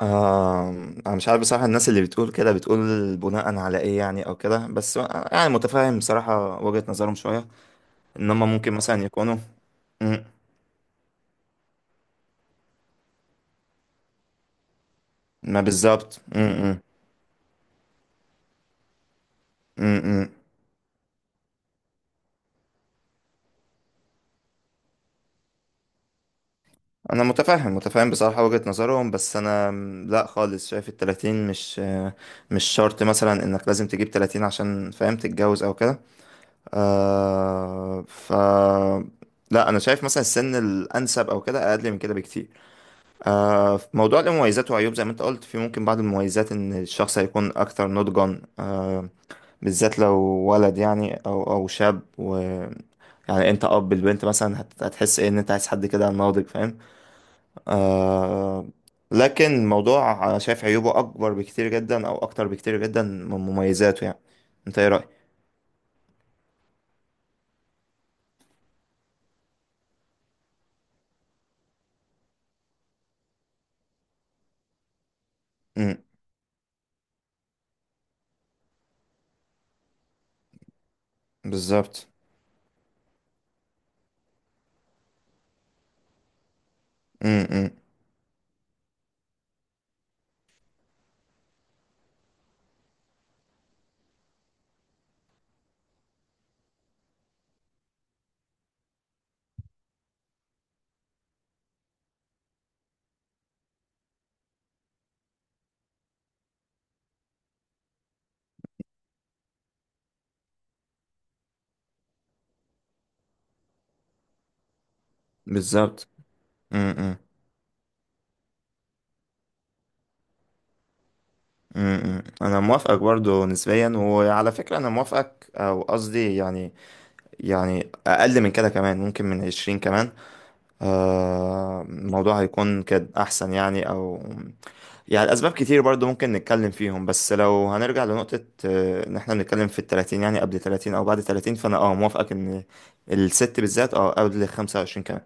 آه. انا مش عارف بصراحة. الناس اللي بتقول كده بتقول بناء على ايه يعني او كده بس. يعني متفاهم بصراحة وجهة نظرهم شوية ان هم ممكن مثلا يكونوا مم، ما بالظبط، مم، مم، مم، مم. انا متفاهم متفاهم بصراحة وجهة نظرهم بس انا لا خالص، شايف ال30 مش شرط مثلا انك لازم تجيب 30 عشان فاهم تتجوز او كده. آه ف لا انا شايف مثلا السن الانسب او كده اقل من كده بكتير. في موضوع المميزات وعيوب زي ما انت قلت، في ممكن بعض المميزات ان الشخص هيكون اكثر نضجا، بالذات لو ولد يعني او شاب، و يعني انت اب البنت مثلا هتحس ايه ان انت عايز حد كده ناضج فاهم آه، لكن الموضوع انا شايف عيوبه اكبر بكتير جدا او اكتر بكتير جدا من مميزاته يعني. انت ايه رأيك؟ امم. بالظبط. امم. بالظبط. امم. امم. انا موافقك برضو نسبيا، وعلى فكرة انا موافقك او قصدي يعني اقل من كده كمان ممكن من 20 كمان. الموضوع هيكون كده احسن يعني. او يعني الاسباب كتير برضو ممكن نتكلم فيهم، بس لو هنرجع لنقطة ان احنا بنتكلم في ال30 يعني قبل 30 او بعد 30، فانا موافقك ان الست بالذات قبل 25 كمان.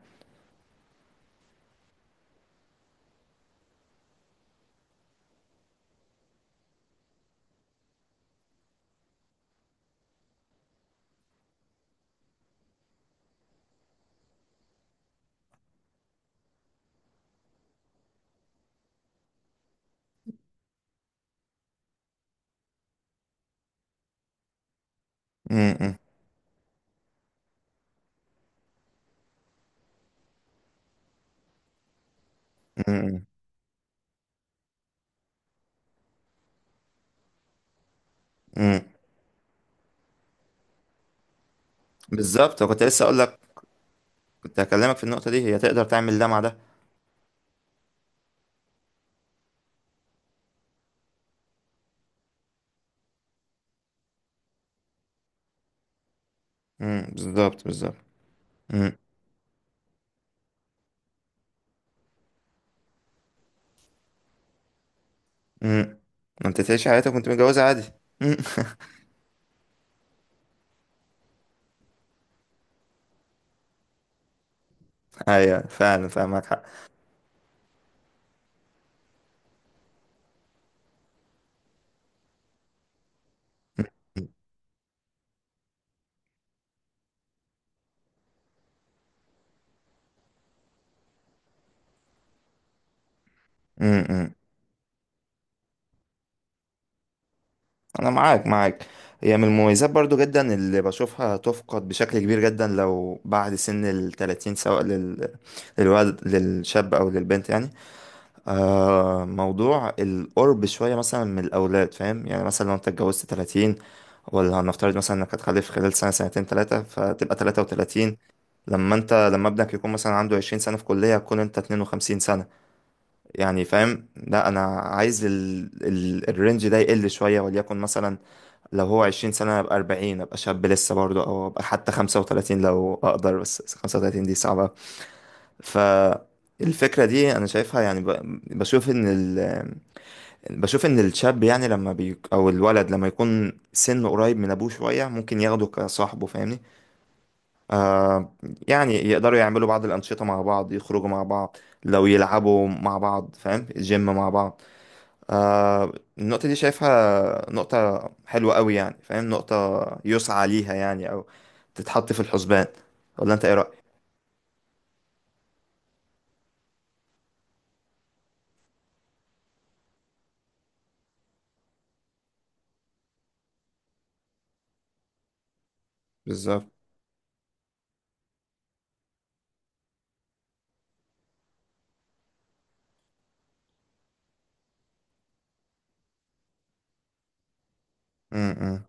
م- م- م- م- بالظبط. كنت لسه اقول لك، كنت هكلمك في النقطة دي، هي تقدر تعمل ده مع ده. م، بالظبط، بالظبط. م- م. ما انت تعيش حياتك وانت متجوزة عادي. م. ايوه فعلا، فاهمك حق. امم. امم. انا معاك معاك. هي من المميزات برضو جدا اللي بشوفها تفقد بشكل كبير جدا لو بعد سن ال30، سواء للولد، للشاب او للبنت يعني. موضوع القرب شوية مثلا من الاولاد فاهم يعني، مثلا لو انت اتجوزت 30، ولا هنفترض مثلا انك هتخلف خلال سنة، سنتين، تلاتة، فتبقى 33. لما ابنك يكون مثلا عنده 20 سنة في كلية، هتكون انت 52 سنة. يعني فاهم، لا انا عايز الرينج ده يقل شويه، وليكن مثلا لو هو 20 سنه ابقى 40، ابقى شاب لسه برضه. او ابقى حتى 35 لو اقدر، بس 35 دي صعبه. فالفكره دي انا شايفها يعني ب... بشوف ان ال... بشوف ان الشاب، يعني لما بي... او الولد لما يكون سنه قريب من ابوه شويه، ممكن ياخده كصاحبه فاهمني. يعني يقدروا يعملوا بعض الانشطه مع بعض، يخرجوا مع بعض، لو يلعبوا مع بعض فاهم، جيم مع بعض. آه النقطة دي شايفها نقطة حلوة قوي يعني فاهم، نقطة يسعى ليها يعني، أو تتحط في الحسبان. ولا أنت إيه رأيك؟ بالظبط. م- م-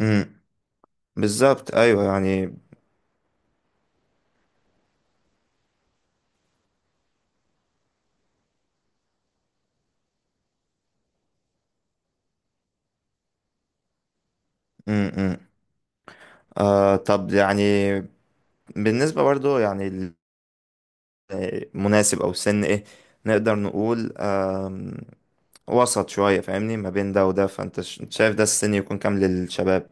م. بالظبط أيوه يعني. م. طب يعني، بالنسبة برضو يعني المناسب أو السن إيه نقدر نقول؟ وسط شوية فاهمني ما بين ده وده، فأنت شايف ده السن يكون كام للشباب؟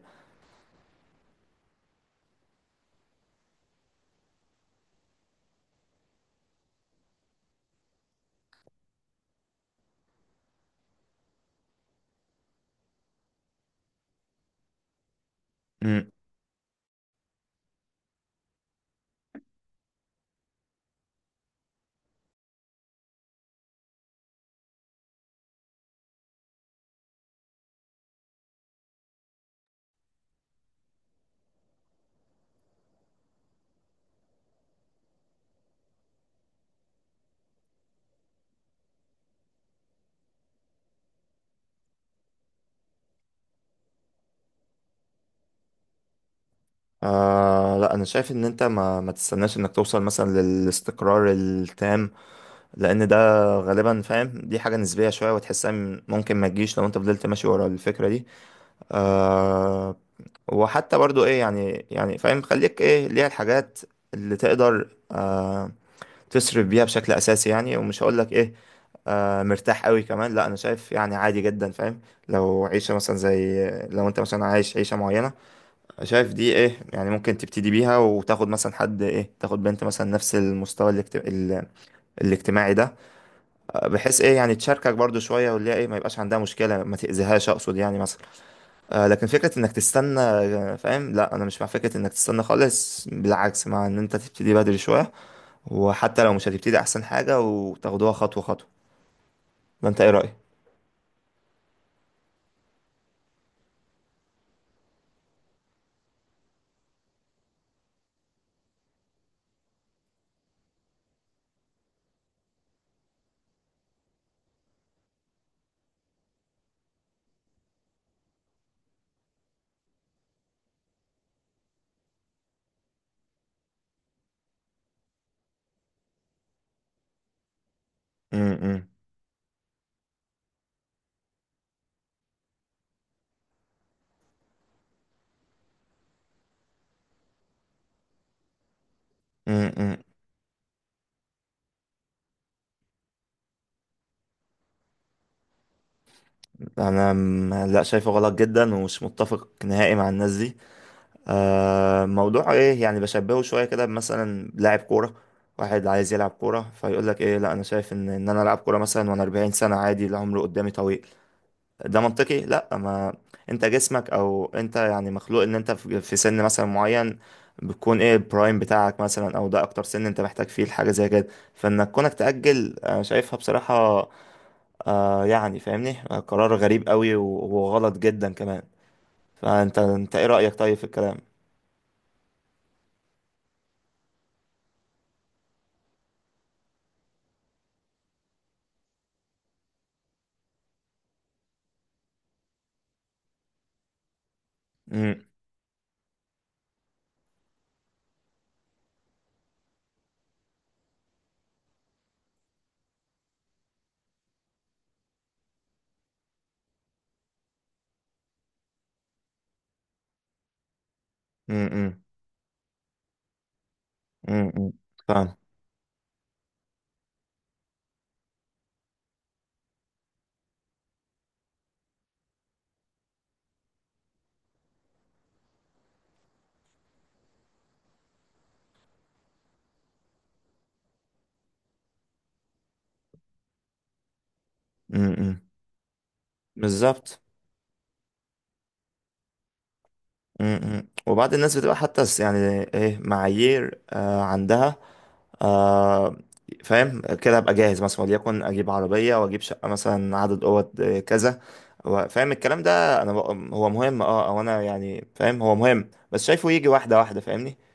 لا انا شايف ان انت ما تستناش انك توصل مثلا للاستقرار التام، لان ده غالبا فاهم دي حاجة نسبية شوية وتحسها ممكن ما تجيش لو انت فضلت ماشي ورا الفكرة دي آه وحتى برضو ايه يعني فاهم خليك ايه ليها الحاجات اللي تقدر تصرف بيها بشكل اساسي يعني، ومش هقول لك ايه مرتاح قوي كمان. لا انا شايف يعني عادي جدا فاهم، لو عيشة مثلا زي لو انت مثلا عايش عيشة معينة شايف دي ايه يعني، ممكن تبتدي بيها وتاخد مثلا حد ايه، تاخد بنت مثلا نفس المستوى الاجتماعي ده، بحيث ايه يعني تشاركك برضو شوية، واللي هي ايه ما يبقاش عندها مشكلة، ما تأذيهاش اقصد يعني مثلا. لكن فكرة انك تستنى، فاهم، لا انا مش مع فكرة انك تستنى خالص، بالعكس مع ان انت تبتدي بدري شوية، وحتى لو مش هتبتدي احسن حاجة وتاخدوها خطوة خطوة. ده انت ايه رأيك؟ امم. امم. انا لا شايفه غلط جدا ومش متفق نهائي مع الناس دي. موضوع ايه يعني، بشبهه شويه كده مثلا، لاعب كوره واحد عايز يلعب كوره فيقول لك ايه، لا انا شايف ان انا العب كوره مثلا وانا 40 سنه عادي، العمر قدامي طويل، ده منطقي؟ لا. ما انت جسمك او انت يعني مخلوق ان انت في سن مثلا معين بتكون ايه البرايم بتاعك مثلا، او ده اكتر سن انت محتاج فيه الحاجه زي كده. فانك كونك تاجل انا شايفها بصراحه، يعني فاهمني قرار غريب قوي وغلط جدا كمان. فانت ايه رايك طيب في الكلام؟ امم. امم. فاهم. امم. بالظبط. امم. وبعد الناس بتبقى حتى يعني ايه معايير عندها. آه فاهم كده ابقى جاهز مثلا وليكن اجيب عربيه واجيب شقه مثلا عدد اوض كذا. فاهم الكلام ده انا هو مهم او انا يعني فاهم هو مهم، بس شايفه يجي واحده واحده فاهمني.